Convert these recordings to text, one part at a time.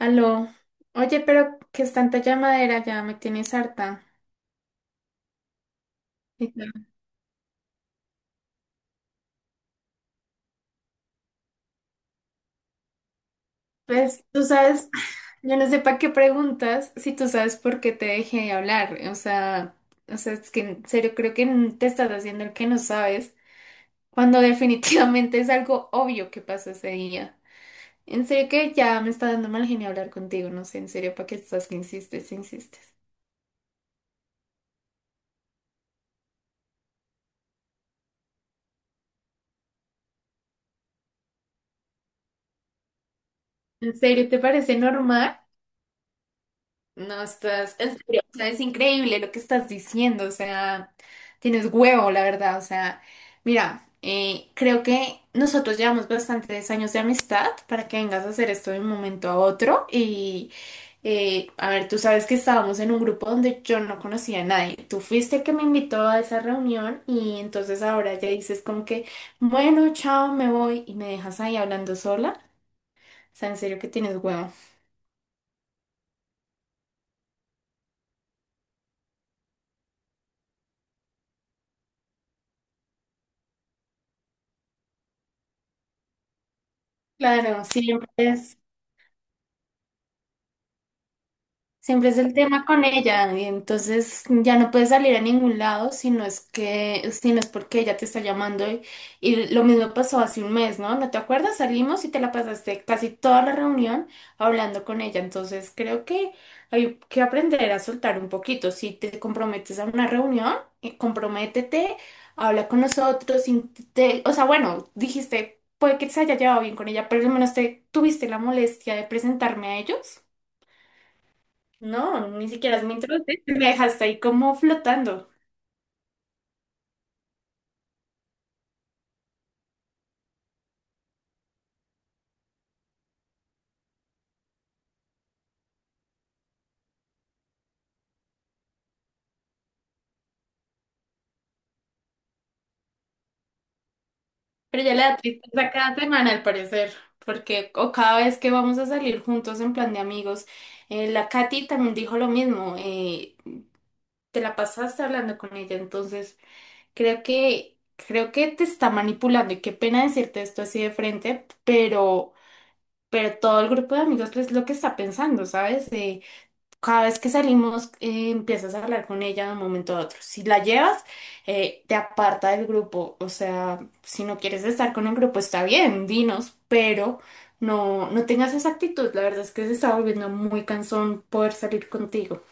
Aló, oye, pero que es tanta llamadera, ya me tienes harta. ¿Y tú? Pues tú sabes, yo no sé para qué preguntas si tú sabes por qué te dejé de hablar. O sea, es que en serio creo que te estás haciendo el que no sabes, cuando definitivamente es algo obvio que pasó ese día. En serio que ya me está dando mal genio hablar contigo, no sé, en serio, ¿para qué estás que insistes, insistes? ¿En serio te parece normal? No, estás, en serio, o sea, es increíble lo que estás diciendo, o sea, tienes huevo, la verdad, o sea, mira, creo que nosotros llevamos bastantes años de amistad para que vengas a hacer esto de un momento a otro y, a ver, tú sabes que estábamos en un grupo donde yo no conocía a nadie, tú fuiste el que me invitó a esa reunión y entonces ahora ya dices como que, bueno, chao, me voy y me dejas ahí hablando sola, o sea, en serio que tienes huevo. Claro, siempre es. Siempre es el tema con ella, y entonces ya no puedes salir a ningún lado si no es que, si no es porque ella te está llamando y lo mismo pasó hace un mes, ¿no? ¿No te acuerdas? Salimos y te la pasaste casi toda la reunión hablando con ella, entonces creo que hay que aprender a soltar un poquito. Si te comprometes a una reunión, comprométete, habla con nosotros, o sea, bueno, dijiste, puede que se haya llevado bien con ella, pero al menos te tuviste la molestia de presentarme a ellos. No, ni siquiera es mi introducción. Me dejaste ahí como flotando. Pero ya le da tristeza cada semana, al parecer. Porque, o cada vez que vamos a salir juntos en plan de amigos, la Katy también dijo lo mismo. Te la pasaste hablando con ella, entonces creo que te está manipulando. Y qué pena decirte esto así de frente, pero todo el grupo de amigos es lo que está pensando, ¿sabes? Cada vez que salimos, empiezas a hablar con ella de un momento a otro. Si la llevas, te aparta del grupo. O sea, si no quieres estar con el grupo, está bien, dinos, pero no tengas esa actitud. La verdad es que se está volviendo muy cansón poder salir contigo.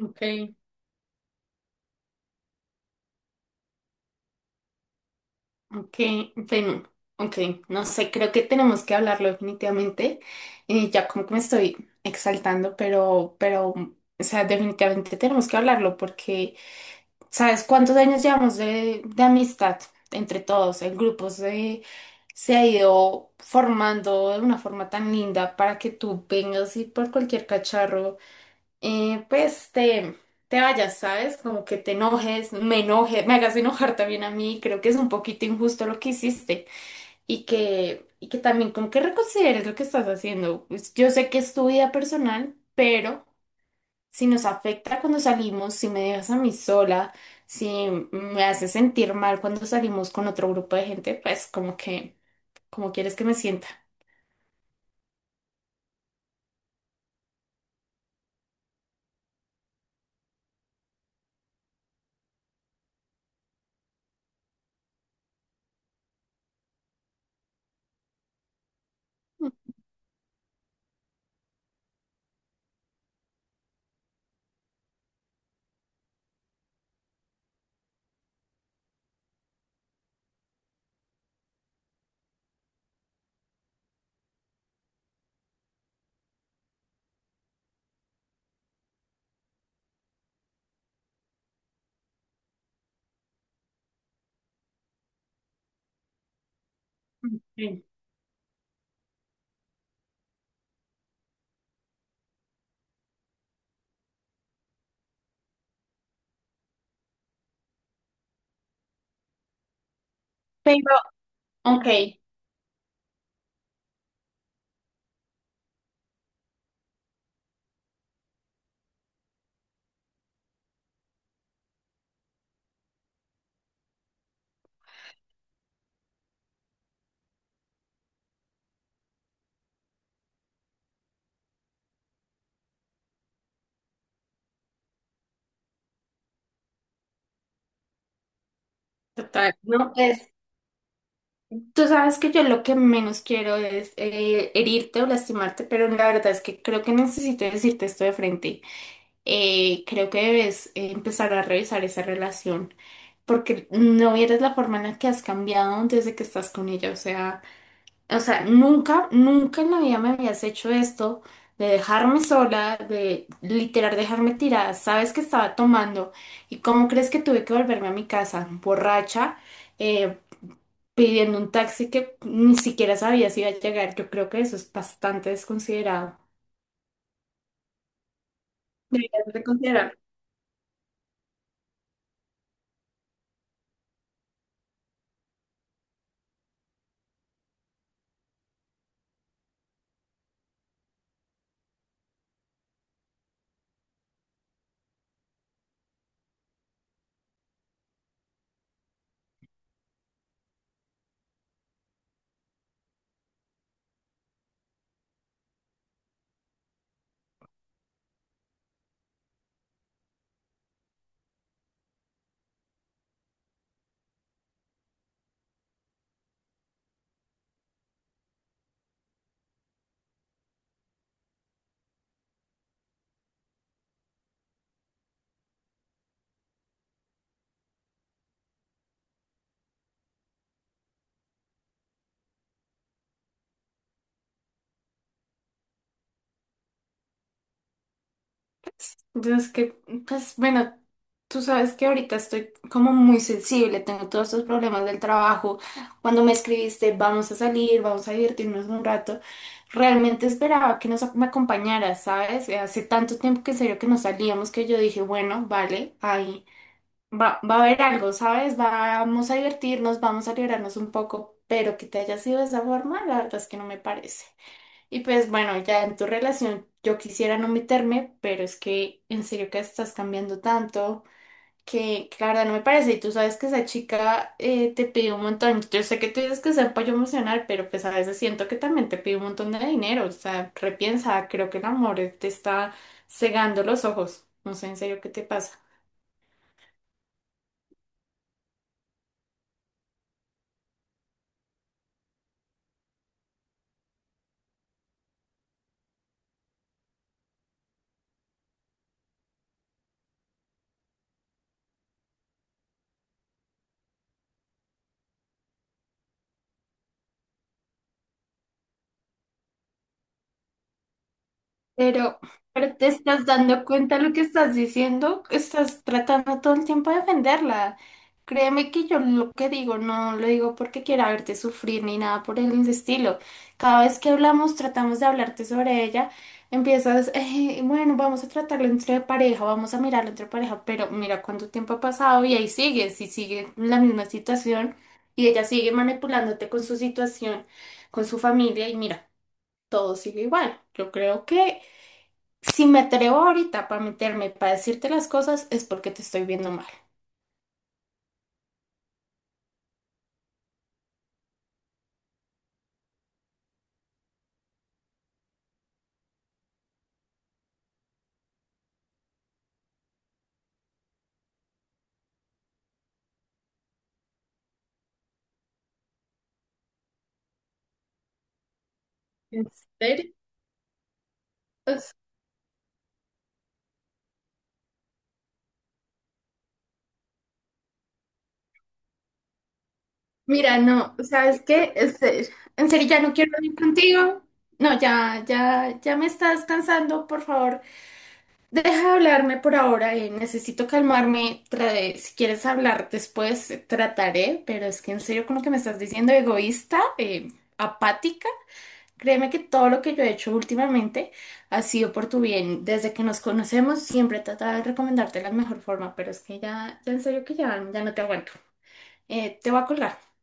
Ok. Ok, bueno, ok, no sé, creo que tenemos que hablarlo definitivamente. Ya como que me estoy exaltando, pero, o sea, definitivamente tenemos que hablarlo porque ¿sabes cuántos años llevamos de amistad entre todos? Se ha ido formando de una forma tan linda para que tú vengas y por cualquier cacharro, pues te vayas, ¿sabes? Como que te enojes, me enoje, me hagas enojar también a mí. Creo que es un poquito injusto lo que hiciste y que también como que reconsideres lo que estás haciendo. Pues, yo sé que es tu vida personal, pero si nos afecta cuando salimos, si me dejas a mí sola, si me hace sentir mal cuando salimos con otro grupo de gente, pues como que, como quieres que me sienta. Ok. Pero, ok, total, no, pues tú sabes que yo lo que menos quiero es herirte o lastimarte, pero la verdad es que creo que necesito decirte esto de frente. Creo que debes empezar a revisar esa relación, porque no vieres la forma en la que has cambiado desde que estás con ella, o sea... O sea, nunca, nunca en la vida me habías hecho esto de dejarme sola, de literal dejarme tirada. Sabes que estaba tomando y cómo crees que tuve que volverme a mi casa, borracha, eh, pidiendo un taxi que ni siquiera sabía si iba a llegar. Yo creo que eso es bastante desconsiderado. Deberías de considerar. Entonces que, pues bueno, tú sabes que ahorita estoy como muy sensible, tengo todos estos problemas del trabajo. Cuando me escribiste, vamos a salir, vamos a divertirnos un rato, realmente esperaba que me acompañaras, ¿sabes? Hace tanto tiempo que en serio que no salíamos que yo dije, bueno, vale, ahí va, va a haber algo, ¿sabes? Vamos a divertirnos, vamos a liberarnos un poco, pero que te haya sido de esa forma, la verdad es que no me parece. Y pues bueno, ya en tu relación yo quisiera no meterme, pero es que en serio que estás cambiando tanto que la verdad no me parece. Y tú sabes que esa chica te pide un montón. Yo sé que tú dices que es apoyo emocional, pero pues a veces siento que también te pide un montón de dinero. O sea, repiensa, creo que el amor te está cegando los ojos. No sé en serio qué te pasa. Pero, pero te estás dando cuenta de lo que estás diciendo, estás tratando todo el tiempo de defenderla. Créeme que yo lo que digo no lo digo porque quiera verte sufrir ni nada por el estilo. Cada vez que hablamos, tratamos de hablarte sobre ella, empiezas, bueno, vamos a tratarlo entre pareja, vamos a mirarlo entre pareja, pero mira cuánto tiempo ha pasado y ahí sigues y sigue la misma situación y ella sigue manipulándote con su situación, con su familia y mira todo sigue igual. Yo creo que si me atrevo ahorita para meterme, para decirte las cosas, es porque te estoy viendo mal. ¿En serio? Mira, no, ¿sabes qué? Este, en serio, ya no quiero ir contigo. No, ya, ya, ya me estás cansando, por favor. Deja de hablarme por ahora, necesito calmarme. Si quieres hablar después, trataré, pero es que en serio, con lo que me estás diciendo, egoísta, apática. Créeme que todo lo que yo he hecho últimamente ha sido por tu bien. Desde que nos conocemos siempre he tratado de recomendarte la mejor forma, pero es que ya, ya en serio que ya, ya no te aguanto. Te voy a colgar.